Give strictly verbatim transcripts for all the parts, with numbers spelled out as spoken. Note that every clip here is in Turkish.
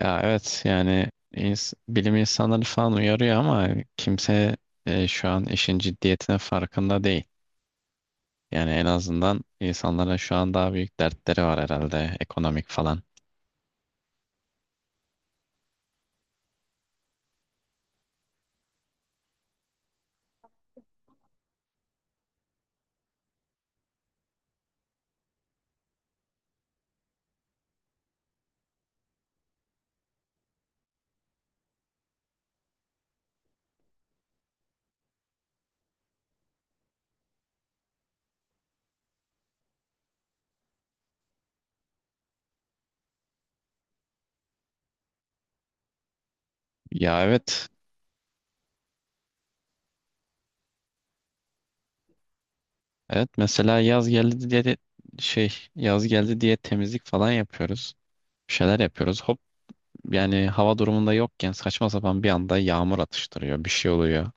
Ya evet yani ins- bilim insanları falan uyarıyor ama kimse e, şu an işin ciddiyetine farkında değil. Yani en azından insanlara şu an daha büyük dertleri var herhalde ekonomik falan. Ya evet evet, mesela yaz geldi diye de- şey yaz geldi diye temizlik falan yapıyoruz. Bir şeyler yapıyoruz. Hop, yani hava durumunda yokken saçma sapan bir anda yağmur atıştırıyor, bir şey oluyor.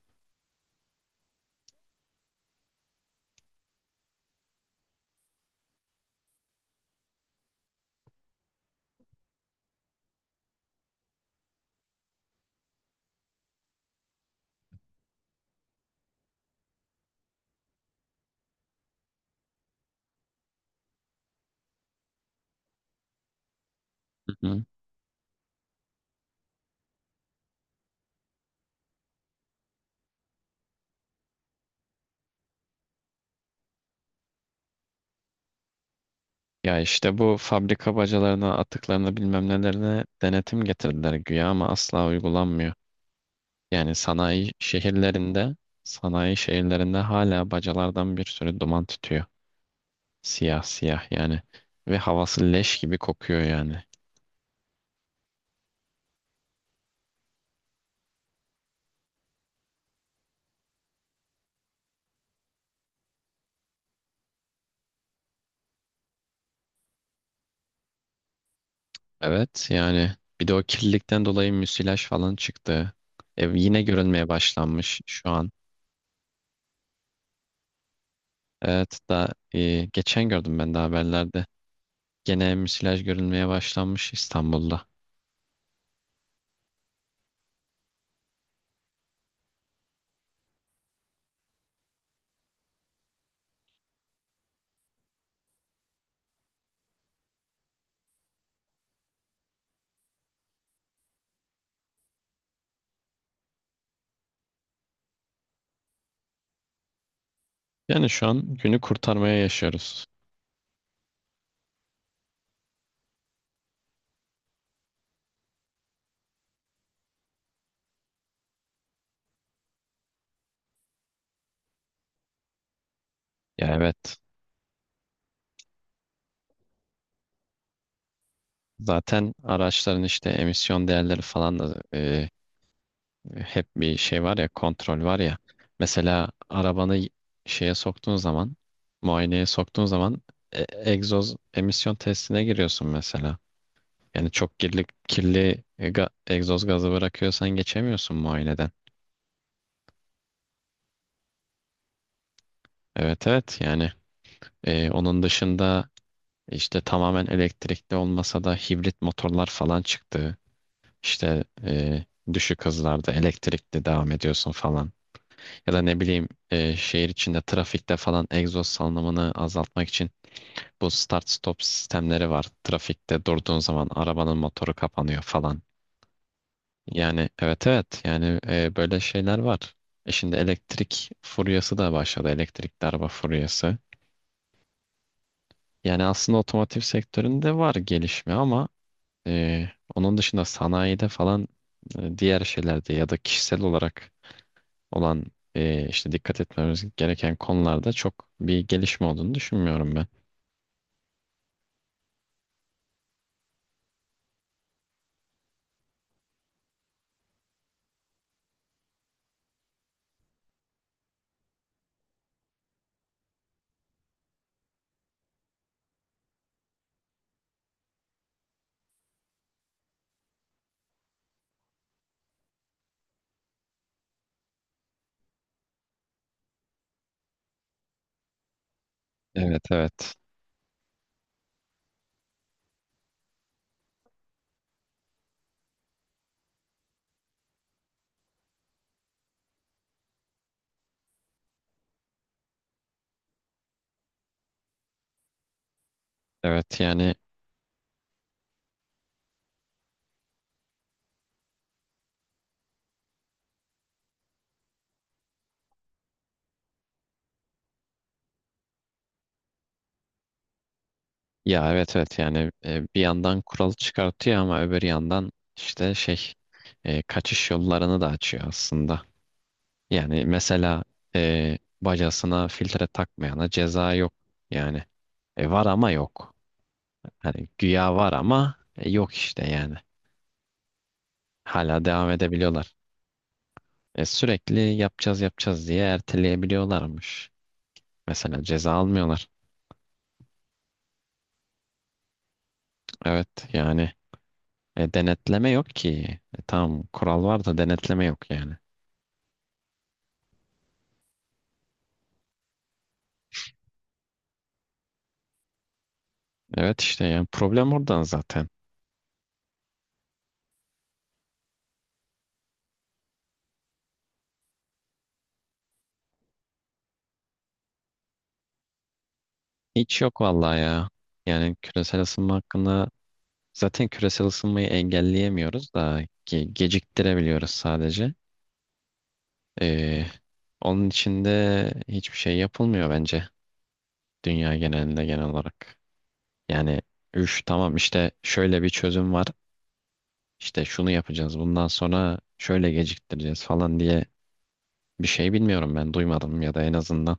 Ya işte bu fabrika bacalarına, atıklarına, bilmem nelerine denetim getirdiler güya ama asla uygulanmıyor. Yani sanayi şehirlerinde, sanayi şehirlerinde hala bacalardan bir sürü duman tütüyor. Siyah siyah yani. Ve havası leş gibi kokuyor yani. Evet yani, bir de o kirlilikten dolayı müsilaj falan çıktı. Ev yine görünmeye başlanmış şu an. Evet da e, geçen gördüm ben de haberlerde. Gene müsilaj görülmeye başlanmış İstanbul'da. Yani şu an günü kurtarmaya yaşıyoruz. Ya evet. Zaten araçların işte emisyon değerleri falan da e, hep bir şey var ya, kontrol var ya. Mesela arabanı şeye soktuğun zaman muayeneye soktuğun zaman e, egzoz emisyon testine giriyorsun mesela. Yani çok kirli, kirli e, ga- egzoz gazı bırakıyorsan geçemiyorsun muayeneden. Evet evet yani, e, onun dışında işte tamamen elektrikli olmasa da hibrit motorlar falan çıktı. İşte e, düşük hızlarda elektrikli devam ediyorsun falan. Ya da ne bileyim, e, şehir içinde trafikte falan egzoz salınımını azaltmak için bu start stop sistemleri var. Trafikte durduğun zaman arabanın motoru kapanıyor falan. Yani evet evet yani, e, böyle şeyler var. E şimdi elektrik furyası da başladı. Elektrikli araba furyası. Yani aslında otomotiv sektöründe var gelişme ama e, onun dışında sanayide falan, e, diğer şeylerde ya da kişisel olarak olan e, işte dikkat etmemiz gereken konularda çok bir gelişme olduğunu düşünmüyorum ben. Evet evet. Evet yani, ya evet evet yani, e, bir yandan kural çıkartıyor ama öbür yandan işte şey, e, kaçış yollarını da açıyor aslında. Yani mesela e, bacasına filtre takmayana ceza yok yani. E, var ama yok. Hani güya var ama e, yok işte yani. Hala devam edebiliyorlar. E, sürekli yapacağız yapacağız diye erteleyebiliyorlarmış. Mesela ceza almıyorlar. Evet yani, e, denetleme yok ki. E, tamam kural var da denetleme yok yani. Evet işte, yani problem oradan zaten. Hiç yok vallahi ya. Yani küresel ısınma hakkında zaten küresel ısınmayı engelleyemiyoruz da ge- geciktirebiliyoruz sadece. E, onun için de hiçbir şey yapılmıyor bence, dünya genelinde genel olarak. Yani üf, tamam işte şöyle bir çözüm var. İşte şunu yapacağız, bundan sonra şöyle geciktireceğiz falan diye, Bir şey bilmiyorum, ben duymadım ya da en azından.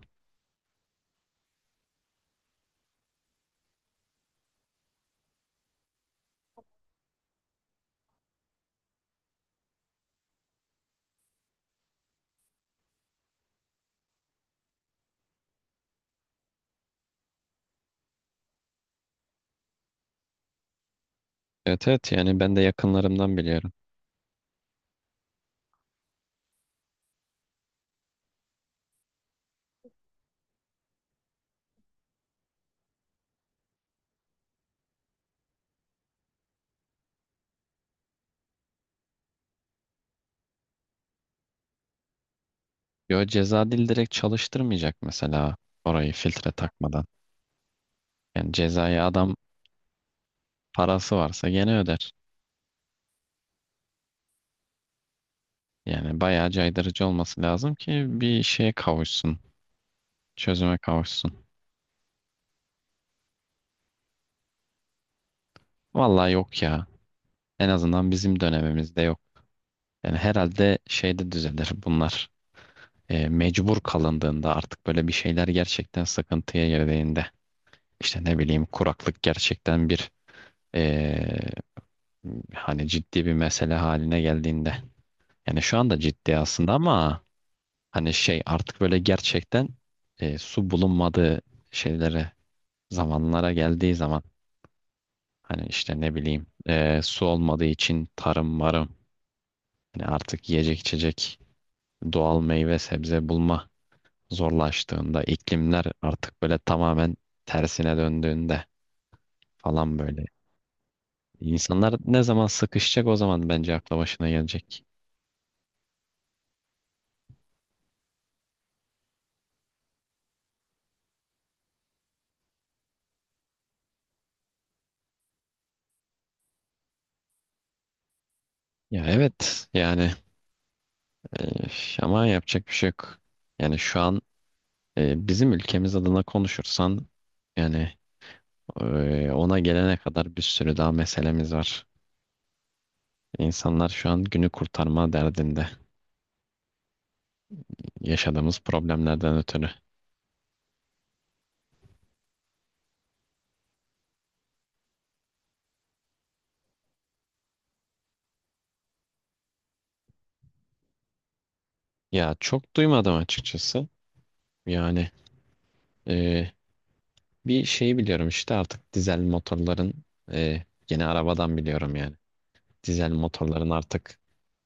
Evet evet yani, ben de yakınlarımdan biliyorum. Yo, ceza dil direkt çalıştırmayacak mesela orayı, filtre takmadan. Yani cezayı adam parası varsa gene öder. Yani bayağı caydırıcı olması lazım ki bir şeye kavuşsun. Çözüme kavuşsun. Vallahi yok ya. En azından bizim dönemimizde yok. Yani herhalde şeyde düzelir bunlar. E, mecbur kalındığında, artık böyle bir şeyler gerçekten sıkıntıya girdiğinde. İşte ne bileyim, kuraklık gerçekten bir Ee, hani ciddi bir mesele haline geldiğinde. Yani şu anda ciddi aslında ama hani şey, artık böyle gerçekten e, su bulunmadığı şeylere, zamanlara geldiği zaman, hani işte ne bileyim, e, su olmadığı için tarım marım, hani artık yiyecek içecek, doğal meyve sebze bulma zorlaştığında, iklimler artık böyle tamamen tersine döndüğünde falan, böyle. İnsanlar ne zaman sıkışacak, o zaman bence akla başına gelecek. Ya evet yani, e, ama yapacak bir şey yok. Yani şu an e, bizim ülkemiz adına konuşursan yani, e, ona gelene kadar bir sürü daha meselemiz var. İnsanlar şu an günü kurtarma derdinde, yaşadığımız problemlerden ötürü. Ya çok duymadım açıkçası. Yani e, bir şeyi biliyorum işte, artık dizel motorların, e, yeni arabadan biliyorum yani. Dizel motorların artık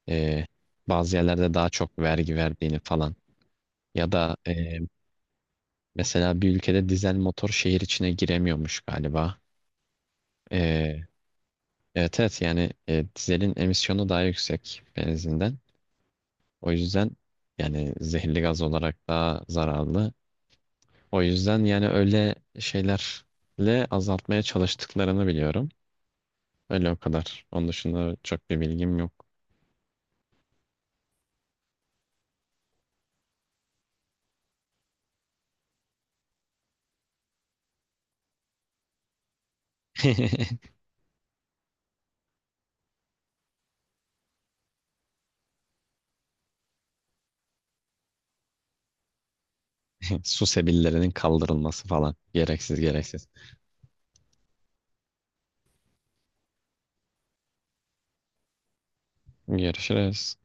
e, bazı yerlerde daha çok vergi verdiğini falan. Ya da e, mesela bir ülkede dizel motor şehir içine giremiyormuş galiba. E, evet evet yani, e, dizelin emisyonu daha yüksek benzinden. O yüzden yani, zehirli gaz olarak daha zararlı. O yüzden yani öyle şeylerle azaltmaya çalıştıklarını biliyorum. Öyle o kadar. Onun dışında çok bir bilgim yok. Su sebillerinin kaldırılması falan. Gereksiz gereksiz. Görüşürüz.